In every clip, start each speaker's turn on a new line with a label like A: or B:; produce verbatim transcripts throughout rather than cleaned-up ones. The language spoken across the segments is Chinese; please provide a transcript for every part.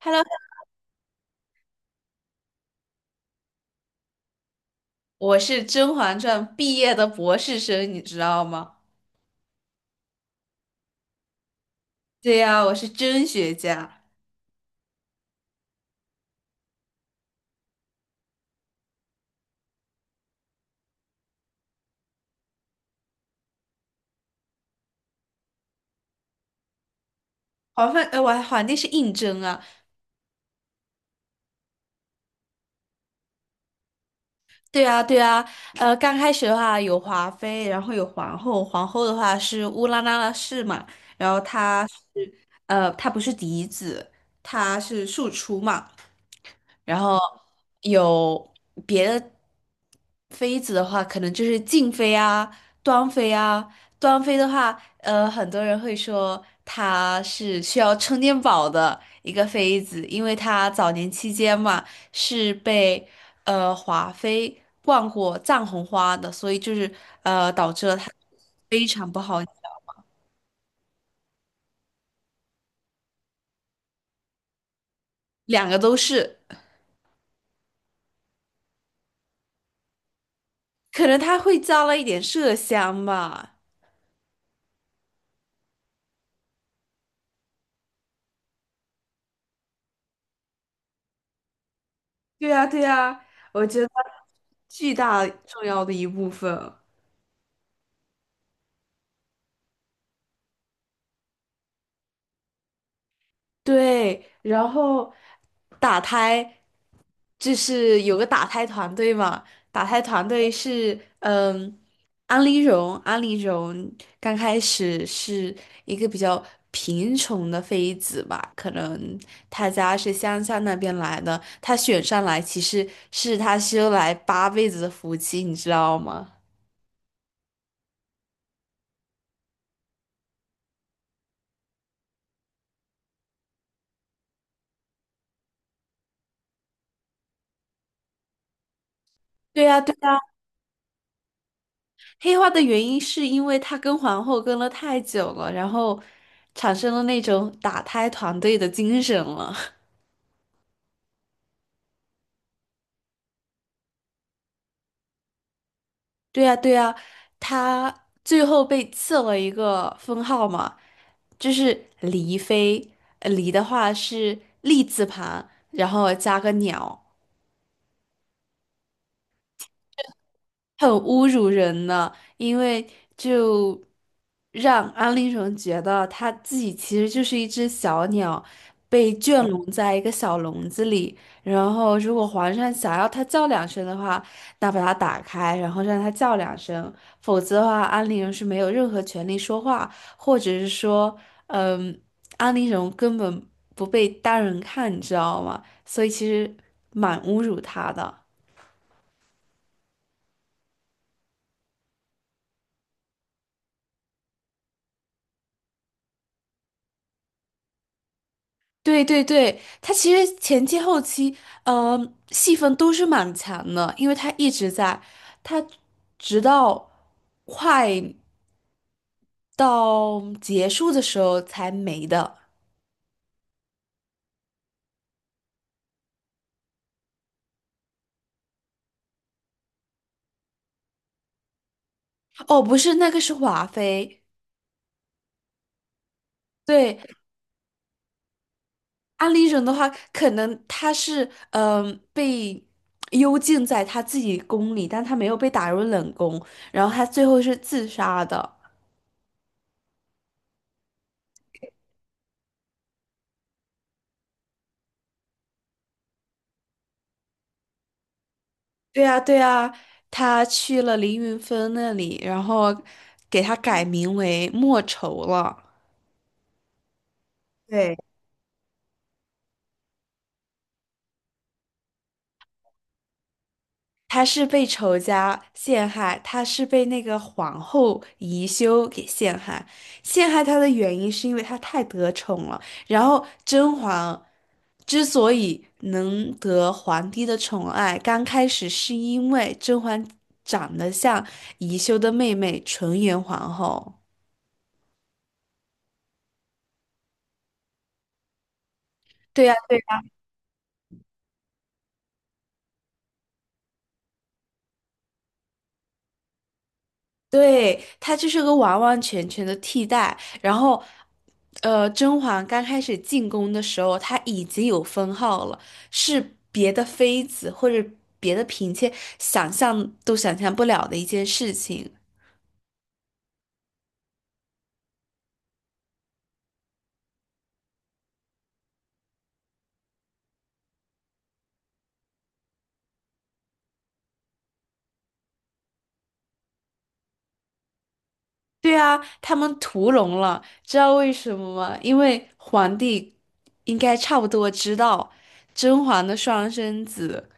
A: Hello,我是《甄嬛传》毕业的博士生，你知道吗？对呀，我是甄学家。皇妃，呃，我皇帝是胤禛啊。对啊，对啊。呃，刚开始的话有华妃，然后有皇后，皇后的话是乌拉那拉氏嘛，然后她是，呃，她不是嫡子，她是庶出嘛。然后有别的妃子的话，可能就是静妃啊、端妃啊。端妃的话，呃，很多人会说她是需要充电宝的一个妃子，因为她早年期间嘛是被呃华妃灌过藏红花的，所以就是呃导致了她非常不好，两个都是，可能她会加了一点麝香吧。对呀，对呀，我觉得巨大重要的一部分。对，然后打胎就是有个打胎团队嘛，打胎团队是嗯，安陵容，安陵容刚开始是一个比较贫穷的妃子吧，可能她家是乡下那边来的，她选上来其实是她修来八辈子的福气，你知道吗？对呀，对呀。黑化的原因是因为他跟皇后跟了太久了，然后产生了那种打胎团队的精神了。对呀，对呀，他最后被赐了一个封号嘛，就是离妃。呃离的话是立字旁，然后加个鸟。很侮辱人呢，因为就让安陵容觉得她自己其实就是一只小鸟，被圈笼在一个小笼子里。然后，如果皇上想要她叫两声的话，那把它打开，然后让它叫两声；否则的话，安陵容是没有任何权利说话，或者是说，嗯，安陵容根本不被当人看，你知道吗？所以其实蛮侮辱她的。对对对，他其实前期后期，呃，戏份都是蛮强的，因为他一直在，他直到快到结束的时候才没的。哦，不是，那个是华妃。对，安陵容的话，可能她是嗯、呃被幽禁在她自己宫里，但她没有被打入冷宫，然后她最后是自杀的。对呀，对呀，他去了凌云峰那里，然后给他改名为莫愁了。对，他是被仇家陷害，他是被那个皇后宜修给陷害。陷害他的原因是因为他太得宠了。然后甄嬛之所以能得皇帝的宠爱，刚开始是因为甄嬛长得像宜修的妹妹纯元皇后。对呀。对，他就是个完完全全的替代。然后，呃，甄嬛刚开始进宫的时候，她已经有封号了，是别的妃子或者别的嫔妾想象都想象不了的一件事情。对啊，他们屠龙了，知道为什么吗？因为皇帝应该差不多知道甄嬛的双生子。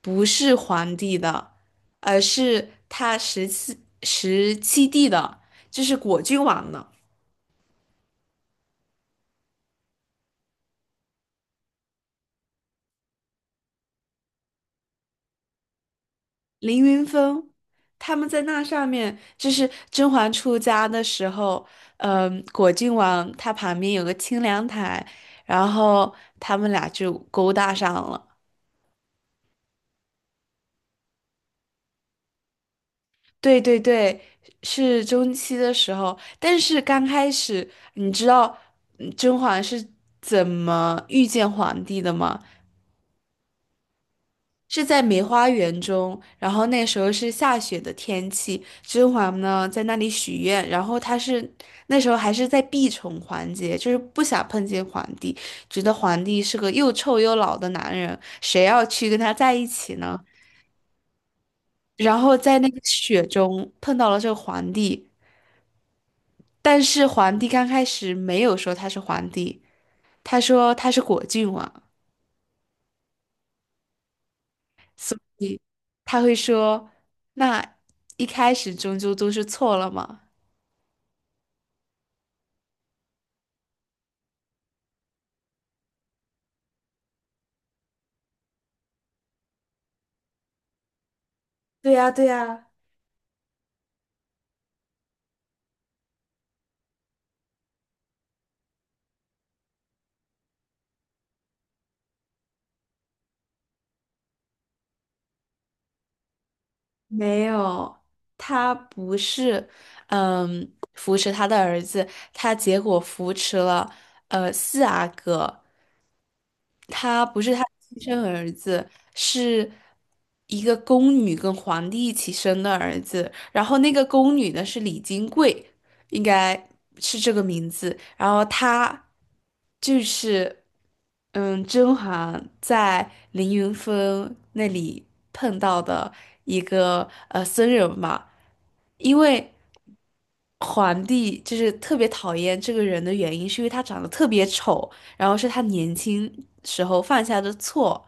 A: 不是皇帝的，而是他十七十七弟的，就是果郡王的凌云峰。他们在那上面，就是甄嬛出家的时候，嗯，果郡王他旁边有个清凉台，然后他们俩就勾搭上了。对对对，是中期的时候，但是刚开始，你知道嗯甄嬛是怎么遇见皇帝的吗？是在梅花园中，然后那时候是下雪的天气，甄嬛呢在那里许愿，然后她是那时候还是在避宠环节，就是不想碰见皇帝，觉得皇帝是个又臭又老的男人，谁要去跟他在一起呢？然后在那个雪中碰到了这个皇帝，但是皇帝刚开始没有说他是皇帝，他说他是果郡王，他会说，那一开始终究都是错了嘛。对呀，对呀。没有，他不是，嗯，扶持他的儿子，他结果扶持了呃四阿哥，他不是他亲生儿子，是一个宫女跟皇帝一起生的儿子。然后那个宫女呢是李金贵，应该是这个名字。然后他就是，嗯，甄嬛在凌云峰那里碰到的一个呃僧人嘛，因为皇帝就是特别讨厌这个人的原因，是因为他长得特别丑，然后是他年轻时候犯下的错。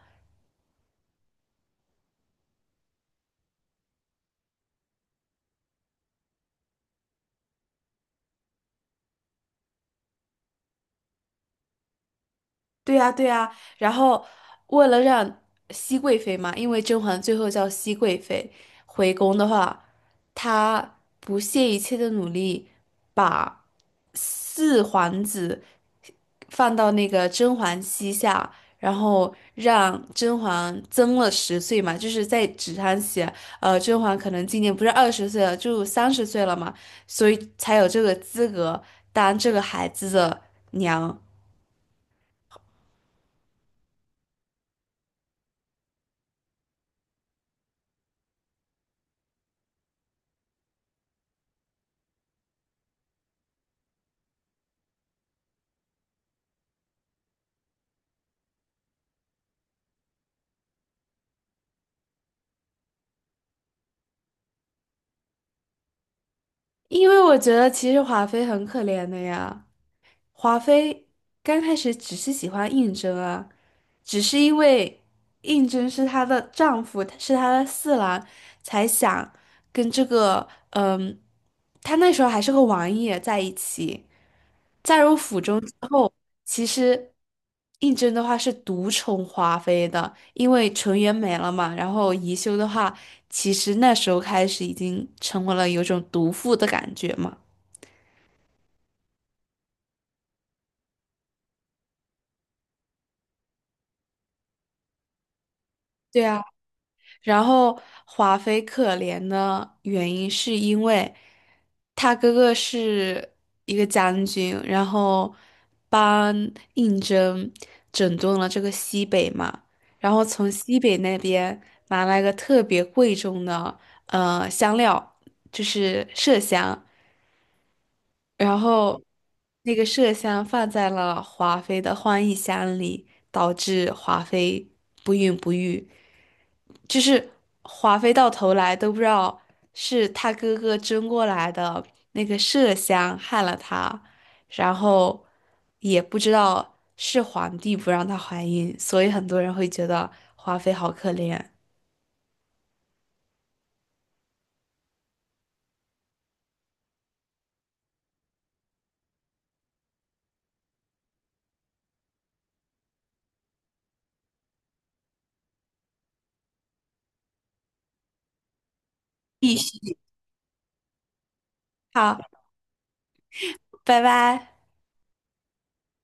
A: 对呀，对呀。然后为了让熹贵妃嘛，因为甄嬛最后叫熹贵妃回宫的话，她不懈一切的努力把四皇子。放到那个甄嬛膝下，然后让甄嬛增了十岁嘛，就是在纸上写，呃，甄嬛可能今年不是二十岁了，就三十岁了嘛，所以才有这个资格当这个孩子的娘。因为我觉得其实华妃很可怜的呀。华妃刚开始只是喜欢胤禛啊，只是因为胤禛是她的丈夫，是她的四郎，才想跟这个嗯，她那时候还是个王爷在一起。嫁入府中之后，其实胤禛的话是独宠华妃的，因为纯元没了嘛。然后宜修的话，其实那时候开始已经成为了有种毒妇的感觉嘛。对啊。然后华妃可怜的原因是因为她哥哥是一个将军，然后帮胤禛整顿了这个西北嘛，然后从西北那边拿来个特别贵重的呃香料，就是麝香，然后那个麝香放在了华妃的欢宜箱里，导致华妃不孕不育。就是华妃到头来都不知道是他哥哥争过来的那个麝香害了她，然后也不知道是皇帝不让她怀孕，所以很多人会觉得华妃好可怜。必须好，拜拜。